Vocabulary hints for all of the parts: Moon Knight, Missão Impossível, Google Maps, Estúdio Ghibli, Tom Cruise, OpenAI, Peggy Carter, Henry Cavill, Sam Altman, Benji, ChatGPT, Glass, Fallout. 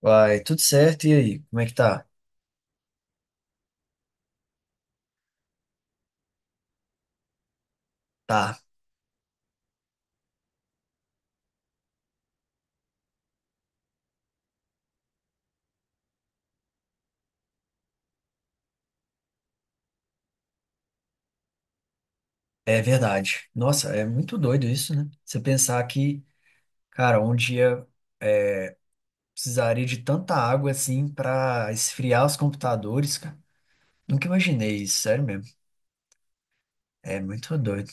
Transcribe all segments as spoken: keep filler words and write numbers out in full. Vai, tudo certo. E aí, como é que tá? Tá, é verdade. Nossa, é muito doido isso, né? Você pensar que, cara, um dia precisaria de tanta água assim pra esfriar os computadores, cara. Nunca imaginei isso, sério mesmo. É muito doido.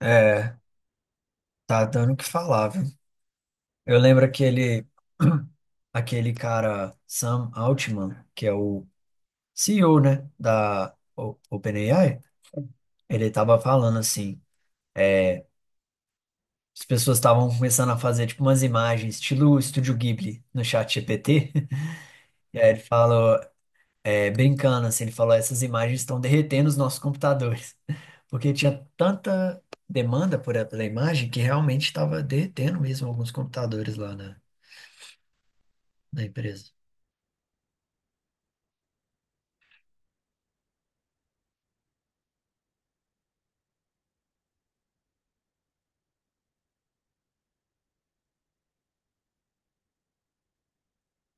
É, tá dando o que falar, viu? Eu lembro aquele, aquele cara, Sam Altman, que é o C E O, né, da O- OpenAI. Ele tava falando assim. As pessoas estavam começando a fazer tipo umas imagens, estilo Estúdio Ghibli, no chat G P T. E aí ele falou, é, brincando assim, ele falou, essas imagens estão derretendo os nossos computadores. Porque tinha tanta demanda por pela imagem que realmente estava derretendo mesmo alguns computadores lá na, na empresa.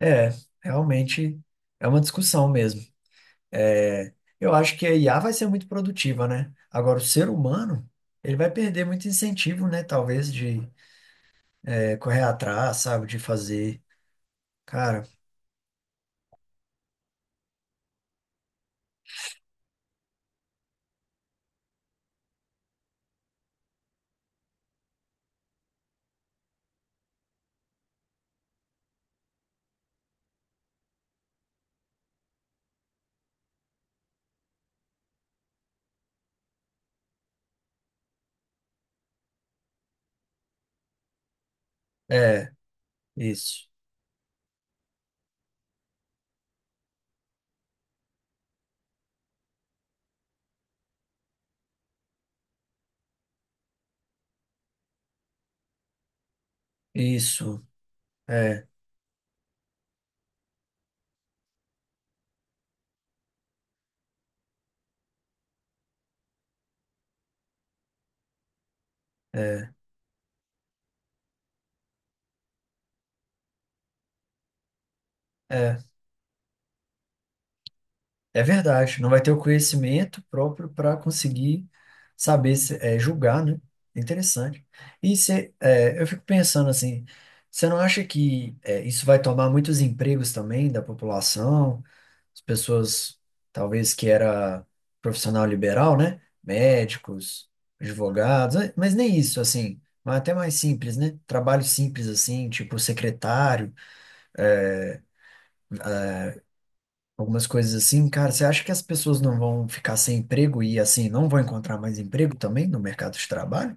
É, realmente é uma discussão mesmo. É, eu acho que a I A vai ser muito produtiva, né? Agora, o ser humano, ele vai perder muito incentivo, né? Talvez de é correr atrás, sabe, de fazer. Cara, é, isso, isso, é, é, é, é verdade. Não vai ter o conhecimento próprio para conseguir saber, se- é, julgar, né? Interessante. E cê, é, eu fico pensando assim, você não acha que é, isso vai tomar muitos empregos também da população? As pessoas, talvez que era profissional liberal, né? Médicos, advogados, eh, mas nem isso, assim, mas até mais simples, né? Trabalho simples, assim, tipo secretário, algumas coisas assim. Cara, você acha que as pessoas não vão ficar sem emprego e, assim, não vão encontrar mais emprego também no mercado de trabalho?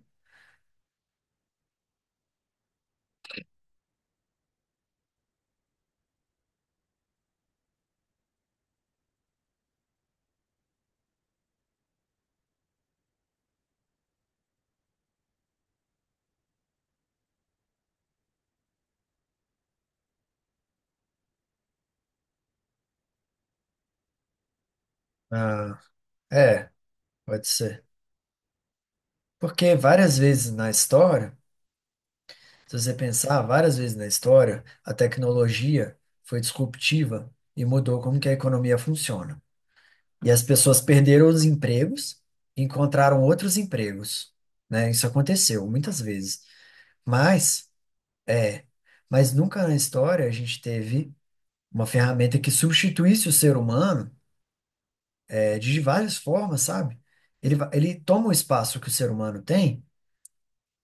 Ah, é, pode ser. Porque várias vezes na história, se você pensar, várias vezes na história, a tecnologia foi disruptiva e mudou como que a economia funciona. E as pessoas perderam os empregos e encontraram outros empregos, né? Isso aconteceu muitas vezes. Mas, é, mas nunca na história a gente teve uma ferramenta que substituísse o ser humano, é, de várias formas, sabe? Ele, va- ele toma o espaço que o ser humano tem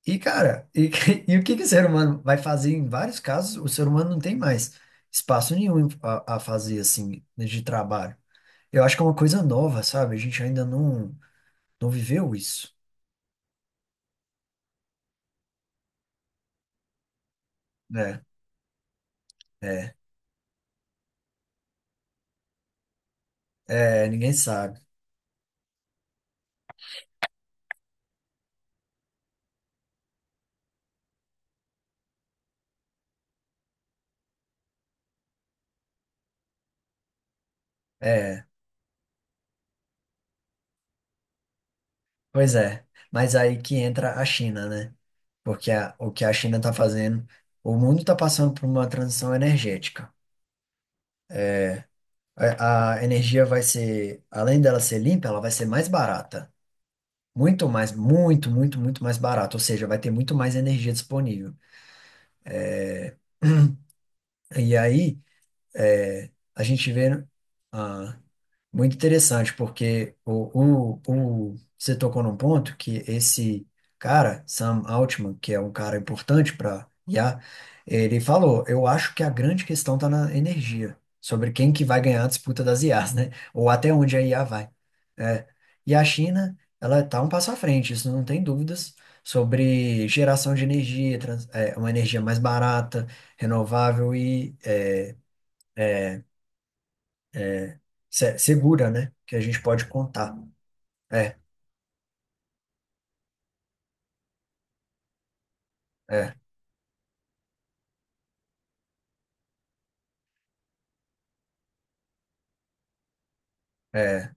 e, cara, e, e o que que o ser humano vai fazer em vários casos, o ser humano não tem mais espaço nenhum a, a fazer, assim, de trabalho. Eu acho que é uma coisa nova, sabe? A gente ainda não, não viveu isso. É, é, é, ninguém sabe. É, pois é. Mas aí que entra a China, né? Porque a- o que a China está fazendo, o mundo está passando por uma transição energética. A, a energia vai ser, além dela ser limpa, ela vai ser mais barata. Muito mais, muito, muito, muito mais barata. Ou seja, vai ter muito mais energia disponível. E aí, é, a gente vê, ah, muito interessante, porque o, o, o- você tocou num ponto que esse cara, Sam Altman, que é um cara importante para I A, ele falou, eu acho que a grande questão está na energia, sobre quem que vai ganhar a disputa das I As, né? Ou até onde a I A vai. É. E a China, ela está um passo à frente, isso não tem dúvidas, sobre geração de energia, trans- é, uma energia mais barata, renovável e é, se- segura, né? Que a gente pode contar. É, é. É,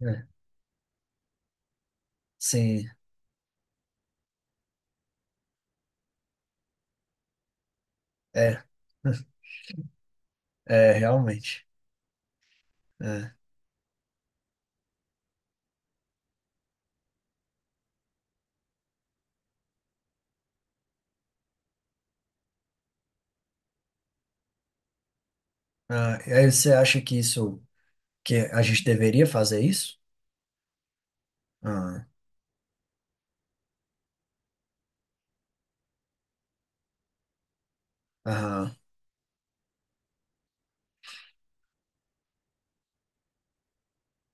é, sim, é, é, realmente. É. Ah, e aí você acha que isso, que a gente deveria fazer isso? Ah, aham,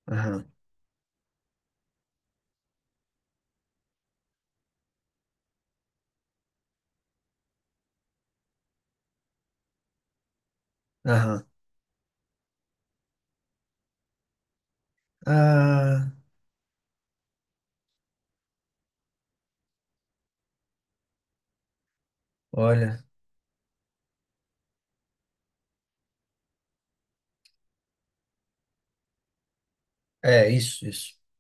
aham, aham. Ah, olha, é isso, isso.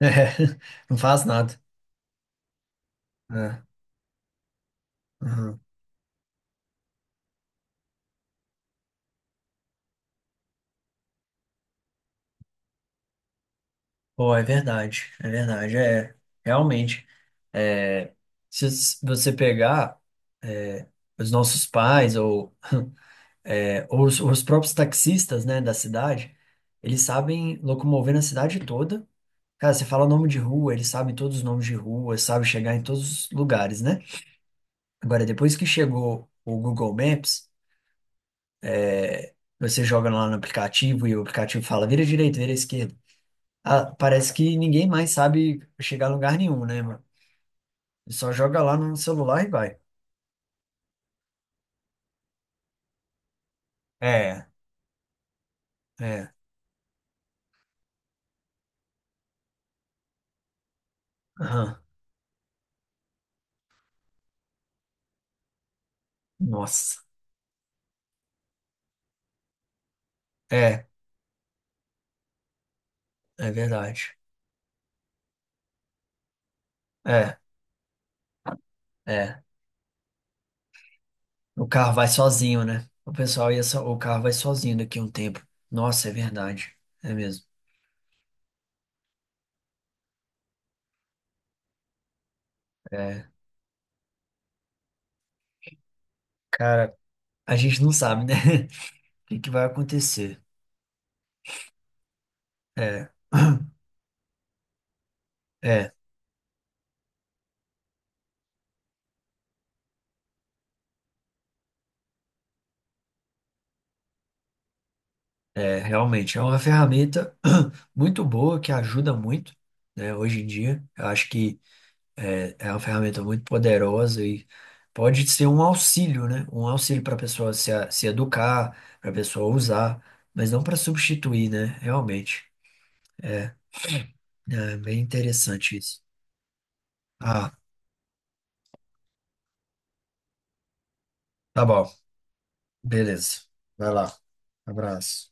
É, não faz nada. É, aham. Pô, é verdade, é verdade, é, realmente. É, se s- você pegar é, os nossos pais ou é, os, os próprios taxistas, né, da cidade, eles sabem locomover na cidade toda. Cara, você fala nome de rua, eles sabem todos os nomes de rua, sabem chegar em todos os lugares, né? Agora, depois que chegou o Google Maps, você joga lá no aplicativo e o aplicativo fala vira direita, vira esquerda. Ah, parece que ninguém mais sabe chegar a lugar nenhum, né, mano? Só joga lá no celular e vai. É, é. Aham. Nossa. É, é verdade. É, é. O carro vai sozinho, né? O pessoal ia so... o carro vai sozinho daqui a um tempo. Nossa, é verdade. É mesmo. É. Cara, a gente não sabe, né? O que que vai acontecer. É. É, é, realmente. É uma ferramenta muito boa que ajuda muito, né? Hoje em dia. Eu acho que é, é uma ferramenta muito poderosa e pode ser um auxílio, né? Um auxílio para a pessoa se, a- se educar, para a pessoa usar, mas não para substituir, né? Realmente. É bem interessante isso. Ah, tá bom. Beleza. Vai lá. Abraço.